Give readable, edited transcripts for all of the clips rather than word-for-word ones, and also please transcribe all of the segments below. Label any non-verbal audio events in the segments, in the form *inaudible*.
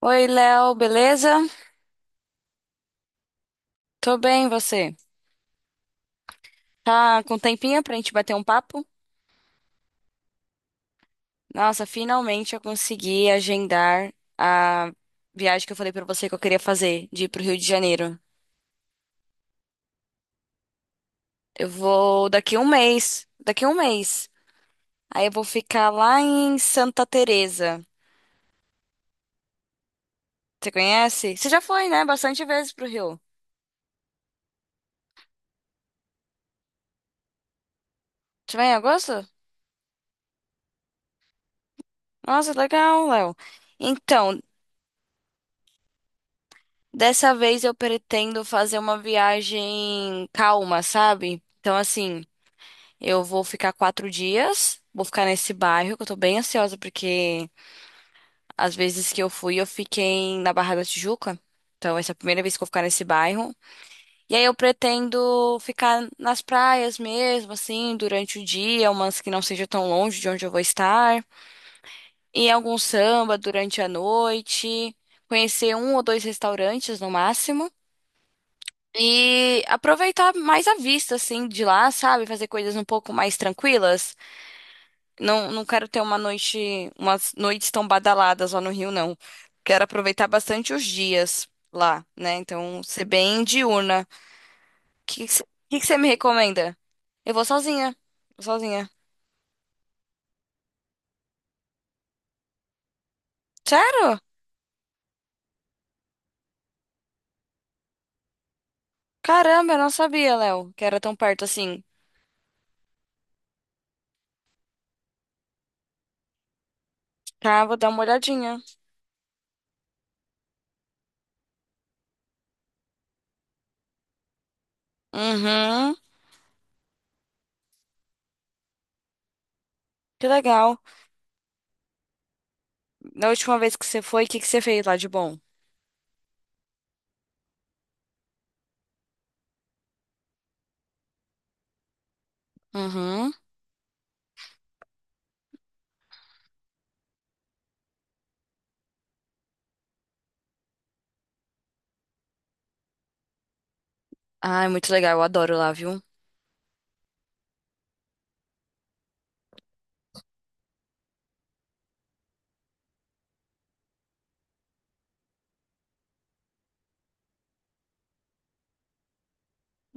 Oi, Léo, beleza? Tô bem, e você? Tá com tempinho pra gente bater um papo? Nossa, finalmente eu consegui agendar a viagem que eu falei pra você que eu queria fazer, de ir pro Rio de Janeiro. Eu vou daqui um mês, daqui um mês. Aí eu vou ficar lá em Santa Teresa. Você conhece? Você já foi, né? Bastante vezes pro Rio. Você vai em agosto? Nossa, legal, Léo. Então, dessa vez eu pretendo fazer uma viagem calma, sabe? Então, assim, eu vou ficar 4 dias, vou ficar nesse bairro, que eu tô bem ansiosa, porque às vezes que eu fui, eu fiquei na Barra da Tijuca. Então, essa é a primeira vez que eu vou ficar nesse bairro. E aí eu pretendo ficar nas praias mesmo, assim, durante o dia, umas que não seja tão longe de onde eu vou estar. E algum samba durante a noite, conhecer um ou dois restaurantes no máximo. E aproveitar mais a vista, assim, de lá, sabe? Fazer coisas um pouco mais tranquilas. Não, não quero ter uma noite, umas noites tão badaladas lá no Rio, não. Quero aproveitar bastante os dias lá, né? Então, ser bem diurna. O que que você me recomenda? Eu vou sozinha. Vou sozinha. Sério? Caramba, eu não sabia, Léo, que era tão perto assim. Tá, vou dar uma olhadinha. Uhum, que legal. Da última vez que você foi, o que que você fez lá de bom? Uhum. Ai, muito legal, eu adoro lá, viu?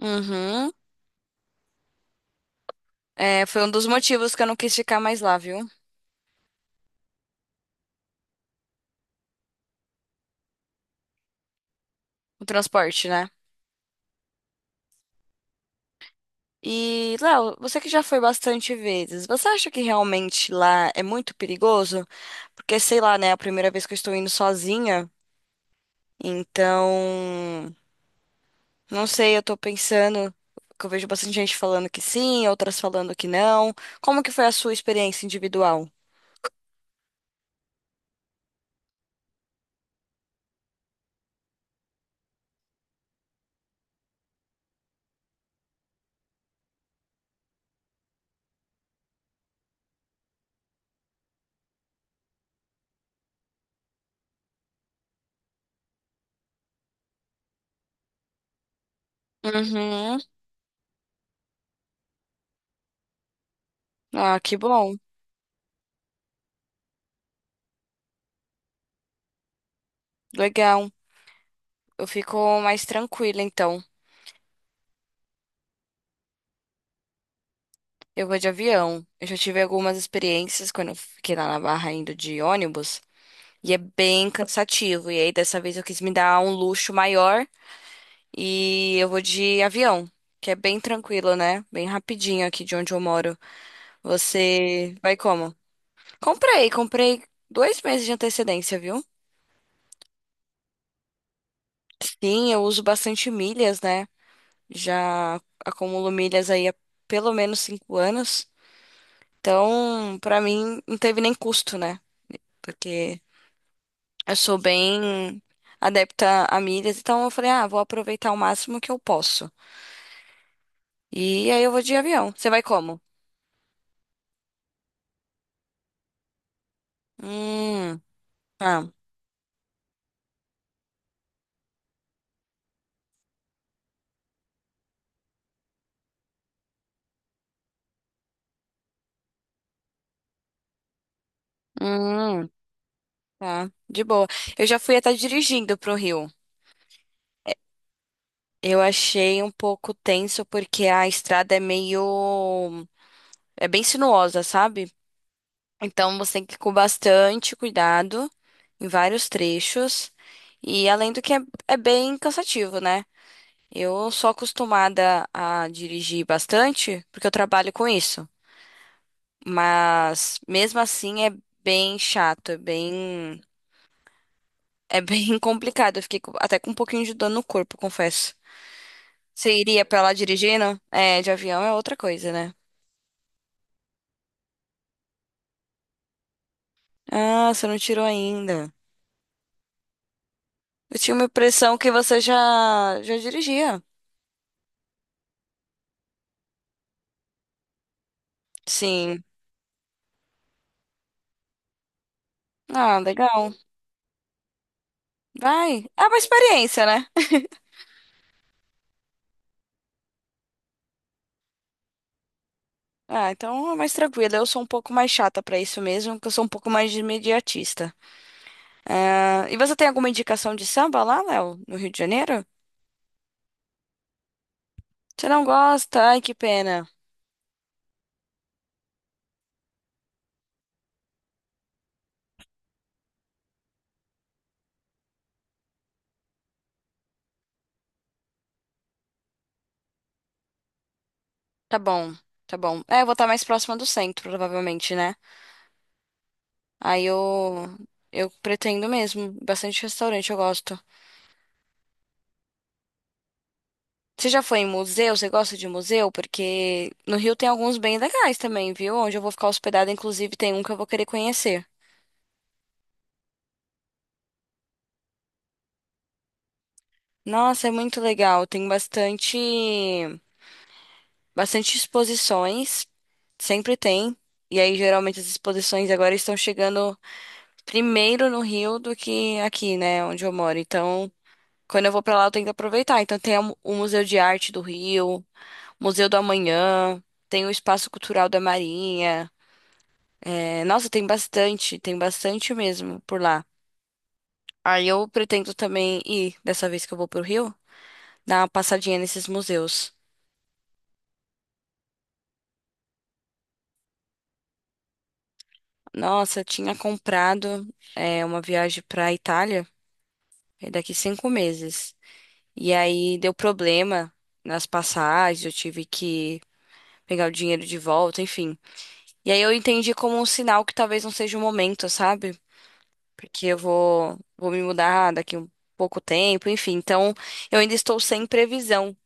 Uhum. É, foi um dos motivos que eu não quis ficar mais lá, viu? O transporte, né? E, Léo, você que já foi bastante vezes, você acha que realmente lá é muito perigoso? Porque, sei lá, né? É a primeira vez que eu estou indo sozinha, então. Não sei, eu tô pensando. Que eu vejo bastante gente falando que sim, outras falando que não. Como que foi a sua experiência individual? Uhum. Ah, que bom. Legal. Eu fico mais tranquila, então. Eu vou de avião. Eu já tive algumas experiências quando eu fiquei lá na Barra indo de ônibus. E é bem cansativo. E aí, dessa vez, eu quis me dar um luxo maior e eu vou de avião, que é bem tranquilo, né? Bem rapidinho aqui de onde eu moro. Você vai como? Comprei, comprei 2 meses de antecedência, viu? Sim, eu uso bastante milhas, né? Já acumulo milhas aí há pelo menos 5 anos. Então, pra mim, não teve nem custo, né? Porque eu sou bem adepta a milhas, então eu falei, ah, vou aproveitar o máximo que eu posso. E aí eu vou de avião. Você vai como? Hum, tá. Hum, tá. De boa. Eu já fui até dirigindo pro Rio. Eu achei um pouco tenso porque a estrada é meio. É bem sinuosa, sabe? Então você tem que ir com bastante cuidado em vários trechos. E além do que é, é bem cansativo, né? Eu sou acostumada a dirigir bastante porque eu trabalho com isso. Mas mesmo assim é bem chato, é bem *laughs* complicado. Eu fiquei com- até com um pouquinho de dor no corpo, confesso. Você iria pra lá dirigindo? É, de avião é outra coisa, né? Ah, você não tirou ainda. Eu tinha uma impressão que você já dirigia. Sim. Ah, legal. Vai. É uma experiência, né? Ah, então é mais tranquilo. Eu sou um pouco mais chata pra isso mesmo, porque eu sou um pouco mais de imediatista. Ah, e você tem alguma indicação de samba lá, Léo, no Rio de Janeiro? Você não gosta? Ai, que pena. Tá bom, tá bom. É, eu vou estar mais próxima do centro, provavelmente, né? Aí eu pretendo mesmo. Bastante restaurante eu gosto. Você já foi em museu? Você gosta de museu? Porque no Rio tem alguns bem legais também, viu? Onde eu vou ficar hospedada, inclusive, tem um que eu vou querer conhecer. Nossa, é muito legal. Tem bastante bastante exposições. Sempre tem. E aí, geralmente, as exposições agora estão chegando primeiro no Rio do que aqui, né, onde eu moro. Então, quando eu vou pra lá, eu tenho que aproveitar. Então, tem o Museu de Arte do Rio, Museu do Amanhã, tem o Espaço Cultural da Marinha. É, nossa, tem bastante mesmo por lá. Aí eu pretendo também ir, dessa vez que eu vou pro Rio, dar uma passadinha nesses museus. Nossa, eu tinha comprado é, uma viagem pra Itália é daqui 5 meses. E aí deu problema nas passagens, eu tive que pegar o dinheiro de volta, enfim. E aí eu entendi como um sinal que talvez não seja o momento, sabe? Porque eu vou me mudar daqui um pouco tempo, enfim. Então, eu ainda estou sem previsão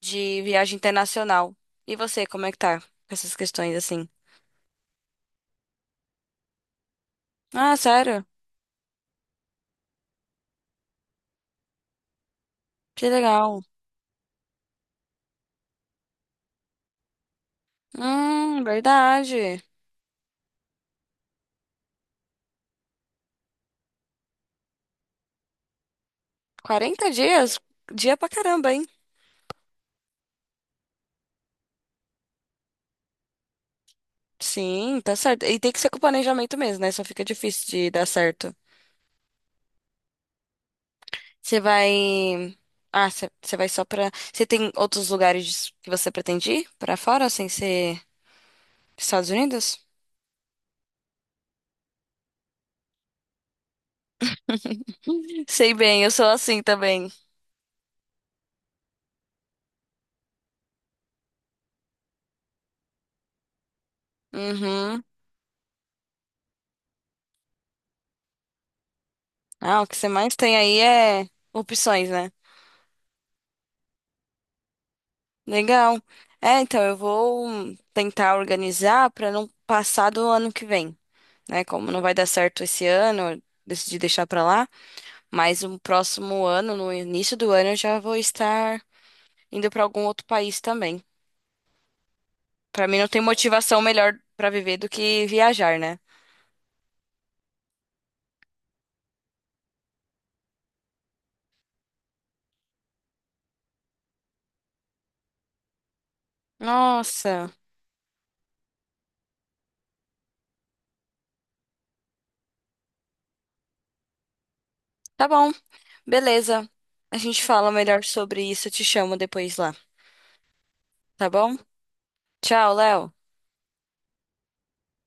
de viagem internacional. E você, como é que tá com essas questões assim? Ah, sério? Que legal. Verdade. 40 dias? Dia pra caramba, hein? Sim, tá certo. E tem que ser com planejamento mesmo, né? Só fica difícil de dar certo. Você vai. Ah, você vai só pra. Você tem outros lugares que você pretende ir pra fora, sem ser Estados Unidos? *laughs* Sei bem, eu sou assim também. Uhum. Ah, o que você mais tem aí é opções, né? Legal. É, então eu vou tentar organizar pra não passar do ano que vem, né? Como não vai dar certo esse ano, eu decidi deixar pra lá, mas no próximo ano, no início do ano, eu já vou estar indo pra algum outro país também. Pra mim não tem motivação melhor pra viver do que viajar, né? Nossa, tá bom. Beleza. A gente fala melhor sobre isso. Eu te chamo depois lá, tá bom? Tchau, Léo.